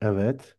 Evet.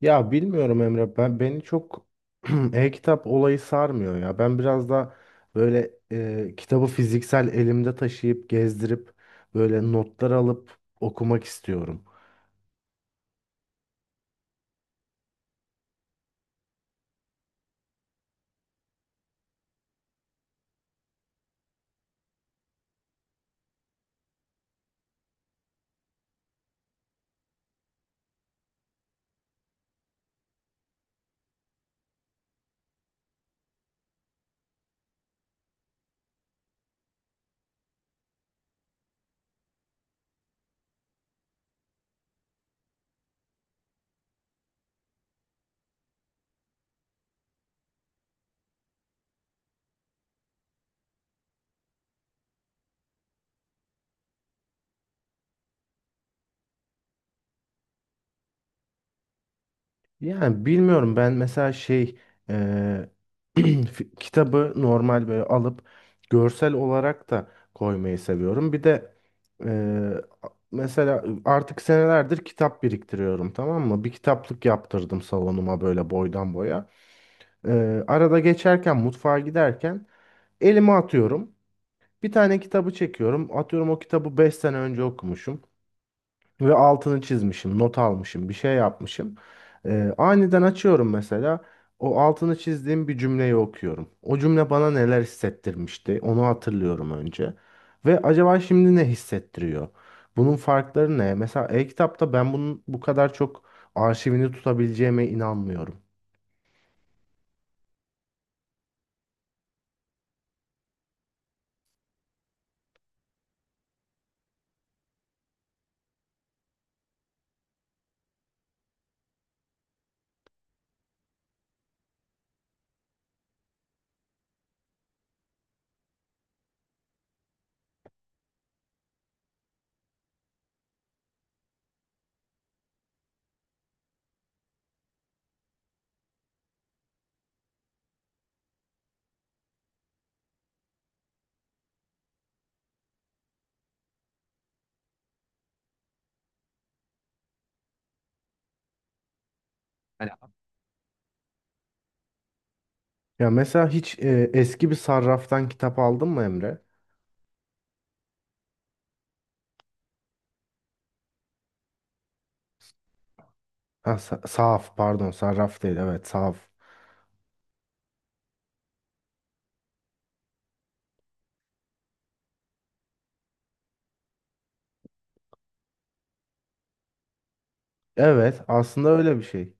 Ya bilmiyorum Emre. Ben beni çok e-kitap olayı sarmıyor ya. Ben biraz da böyle kitabı fiziksel elimde taşıyıp gezdirip böyle notlar alıp okumak istiyorum. Yani bilmiyorum ben mesela şey e, kitabı normal böyle alıp görsel olarak da koymayı seviyorum. Bir de e, mesela artık senelerdir kitap biriktiriyorum, tamam mı? Bir kitaplık yaptırdım salonuma böyle boydan boya. Arada geçerken mutfağa giderken elime atıyorum. Bir tane kitabı çekiyorum. Atıyorum, o kitabı 5 sene önce okumuşum. Ve altını çizmişim, not almışım, bir şey yapmışım. Aniden açıyorum mesela. O altını çizdiğim bir cümleyi okuyorum. O cümle bana neler hissettirmişti, onu hatırlıyorum önce. Ve acaba şimdi ne hissettiriyor? Bunun farkları ne? Mesela e-kitapta ben bunun bu kadar çok arşivini tutabileceğime inanmıyorum. Ya mesela hiç eski bir sarraftan kitap aldın mı Emre? Ha, sahaf, pardon, sarraf değil, evet, sahaf. Evet, aslında öyle bir şey.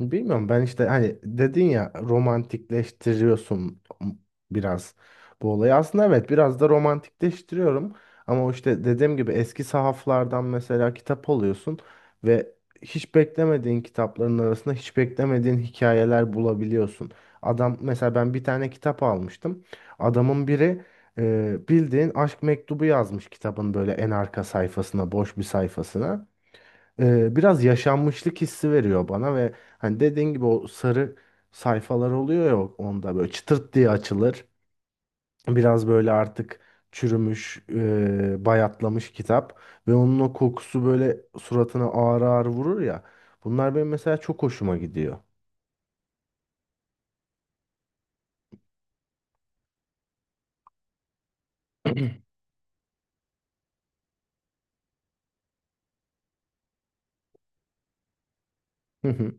Bilmiyorum, ben işte hani dedin ya, romantikleştiriyorsun biraz bu olayı. Aslında evet, biraz da romantikleştiriyorum. Ama o işte dediğim gibi eski sahaflardan mesela kitap alıyorsun ve hiç beklemediğin kitapların arasında hiç beklemediğin hikayeler bulabiliyorsun. Adam, mesela ben bir tane kitap almıştım. Adamın biri bildiğin aşk mektubu yazmış kitabın böyle en arka sayfasına, boş bir sayfasına biraz yaşanmışlık hissi veriyor bana ve hani dediğin gibi o sarı sayfalar oluyor ya, onda böyle çıtırt diye açılır. Biraz böyle artık çürümüş, bayatlamış kitap ve onun o kokusu böyle suratına ağır ağır vurur ya. Bunlar benim mesela çok hoşuma gidiyor. Hı hı.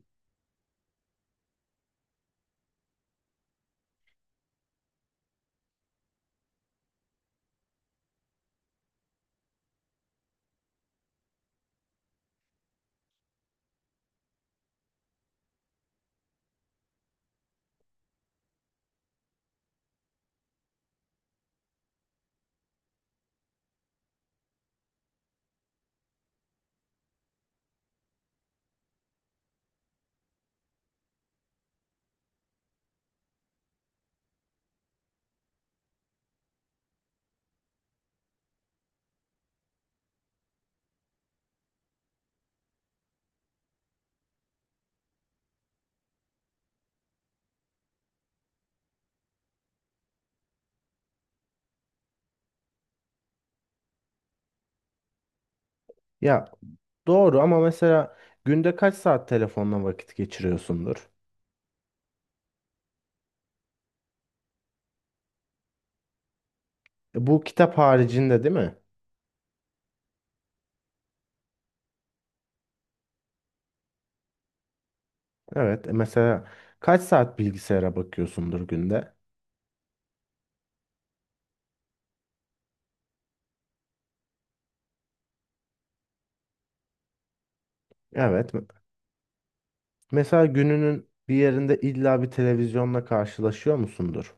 Ya doğru ama, mesela günde kaç saat telefonla vakit geçiriyorsundur? Bu kitap haricinde değil mi? Evet. Mesela kaç saat bilgisayara bakıyorsundur günde? Evet. Mesela gününün bir yerinde illa bir televizyonla karşılaşıyor musundur?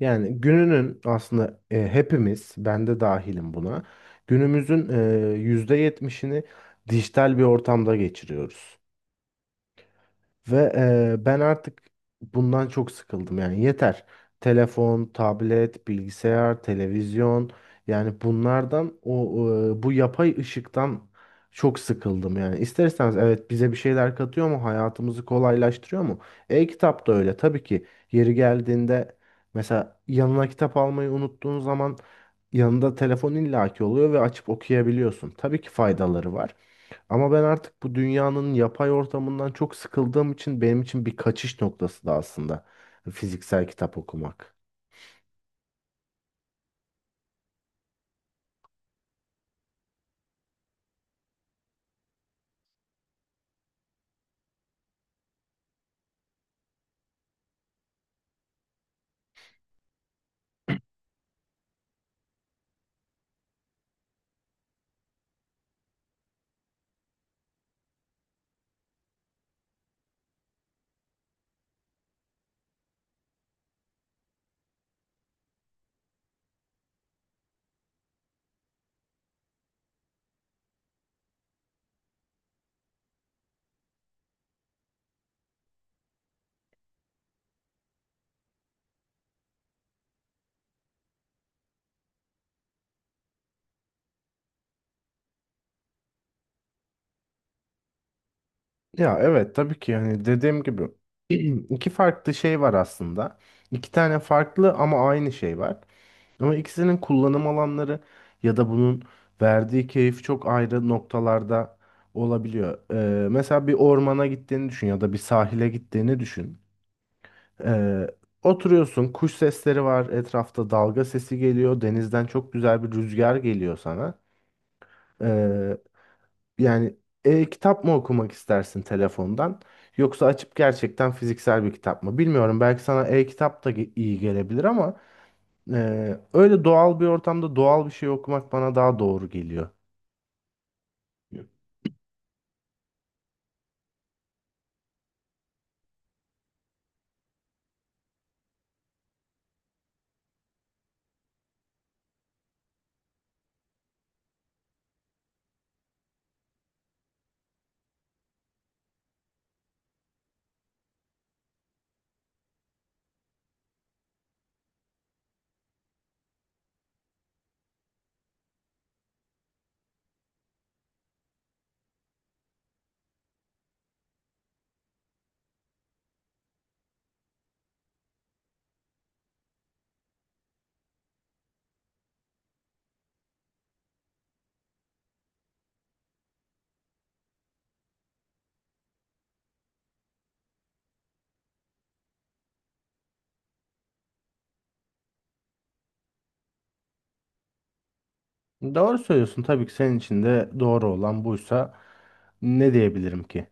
Yani gününün aslında, hepimiz, ben de dahilim buna, günümüzün %70'ini dijital bir ortamda geçiriyoruz. Ve ben artık bundan çok sıkıldım, yani yeter. Telefon, tablet, bilgisayar, televizyon, yani bunlardan bu yapay ışıktan çok sıkıldım yani. İsterseniz evet, bize bir şeyler katıyor mu? Hayatımızı kolaylaştırıyor mu? E-kitap da öyle tabii ki. Yeri geldiğinde mesela yanına kitap almayı unuttuğun zaman yanında telefon illaki oluyor ve açıp okuyabiliyorsun. Tabii ki faydaları var. Ama ben artık bu dünyanın yapay ortamından çok sıkıldığım için benim için bir kaçış noktası da aslında fiziksel kitap okumak. Ya evet, tabii ki, yani dediğim gibi iki farklı şey var aslında. İki tane farklı ama aynı şey var. Ama ikisinin kullanım alanları ya da bunun verdiği keyif çok ayrı noktalarda olabiliyor. Mesela bir ormana gittiğini düşün ya da bir sahile gittiğini düşün. Ee, Oturuyorsun, kuş sesleri var, etrafta dalga sesi geliyor, denizden çok güzel bir rüzgar geliyor sana. Ee, Yani e-kitap mı okumak istersin telefondan, yoksa açıp gerçekten fiziksel bir kitap mı? Bilmiyorum, belki sana e-kitap da iyi gelebilir ama öyle doğal bir ortamda doğal bir şey okumak bana daha doğru geliyor. Yok. Doğru söylüyorsun. Tabii ki senin için de doğru olan buysa ne diyebilirim ki?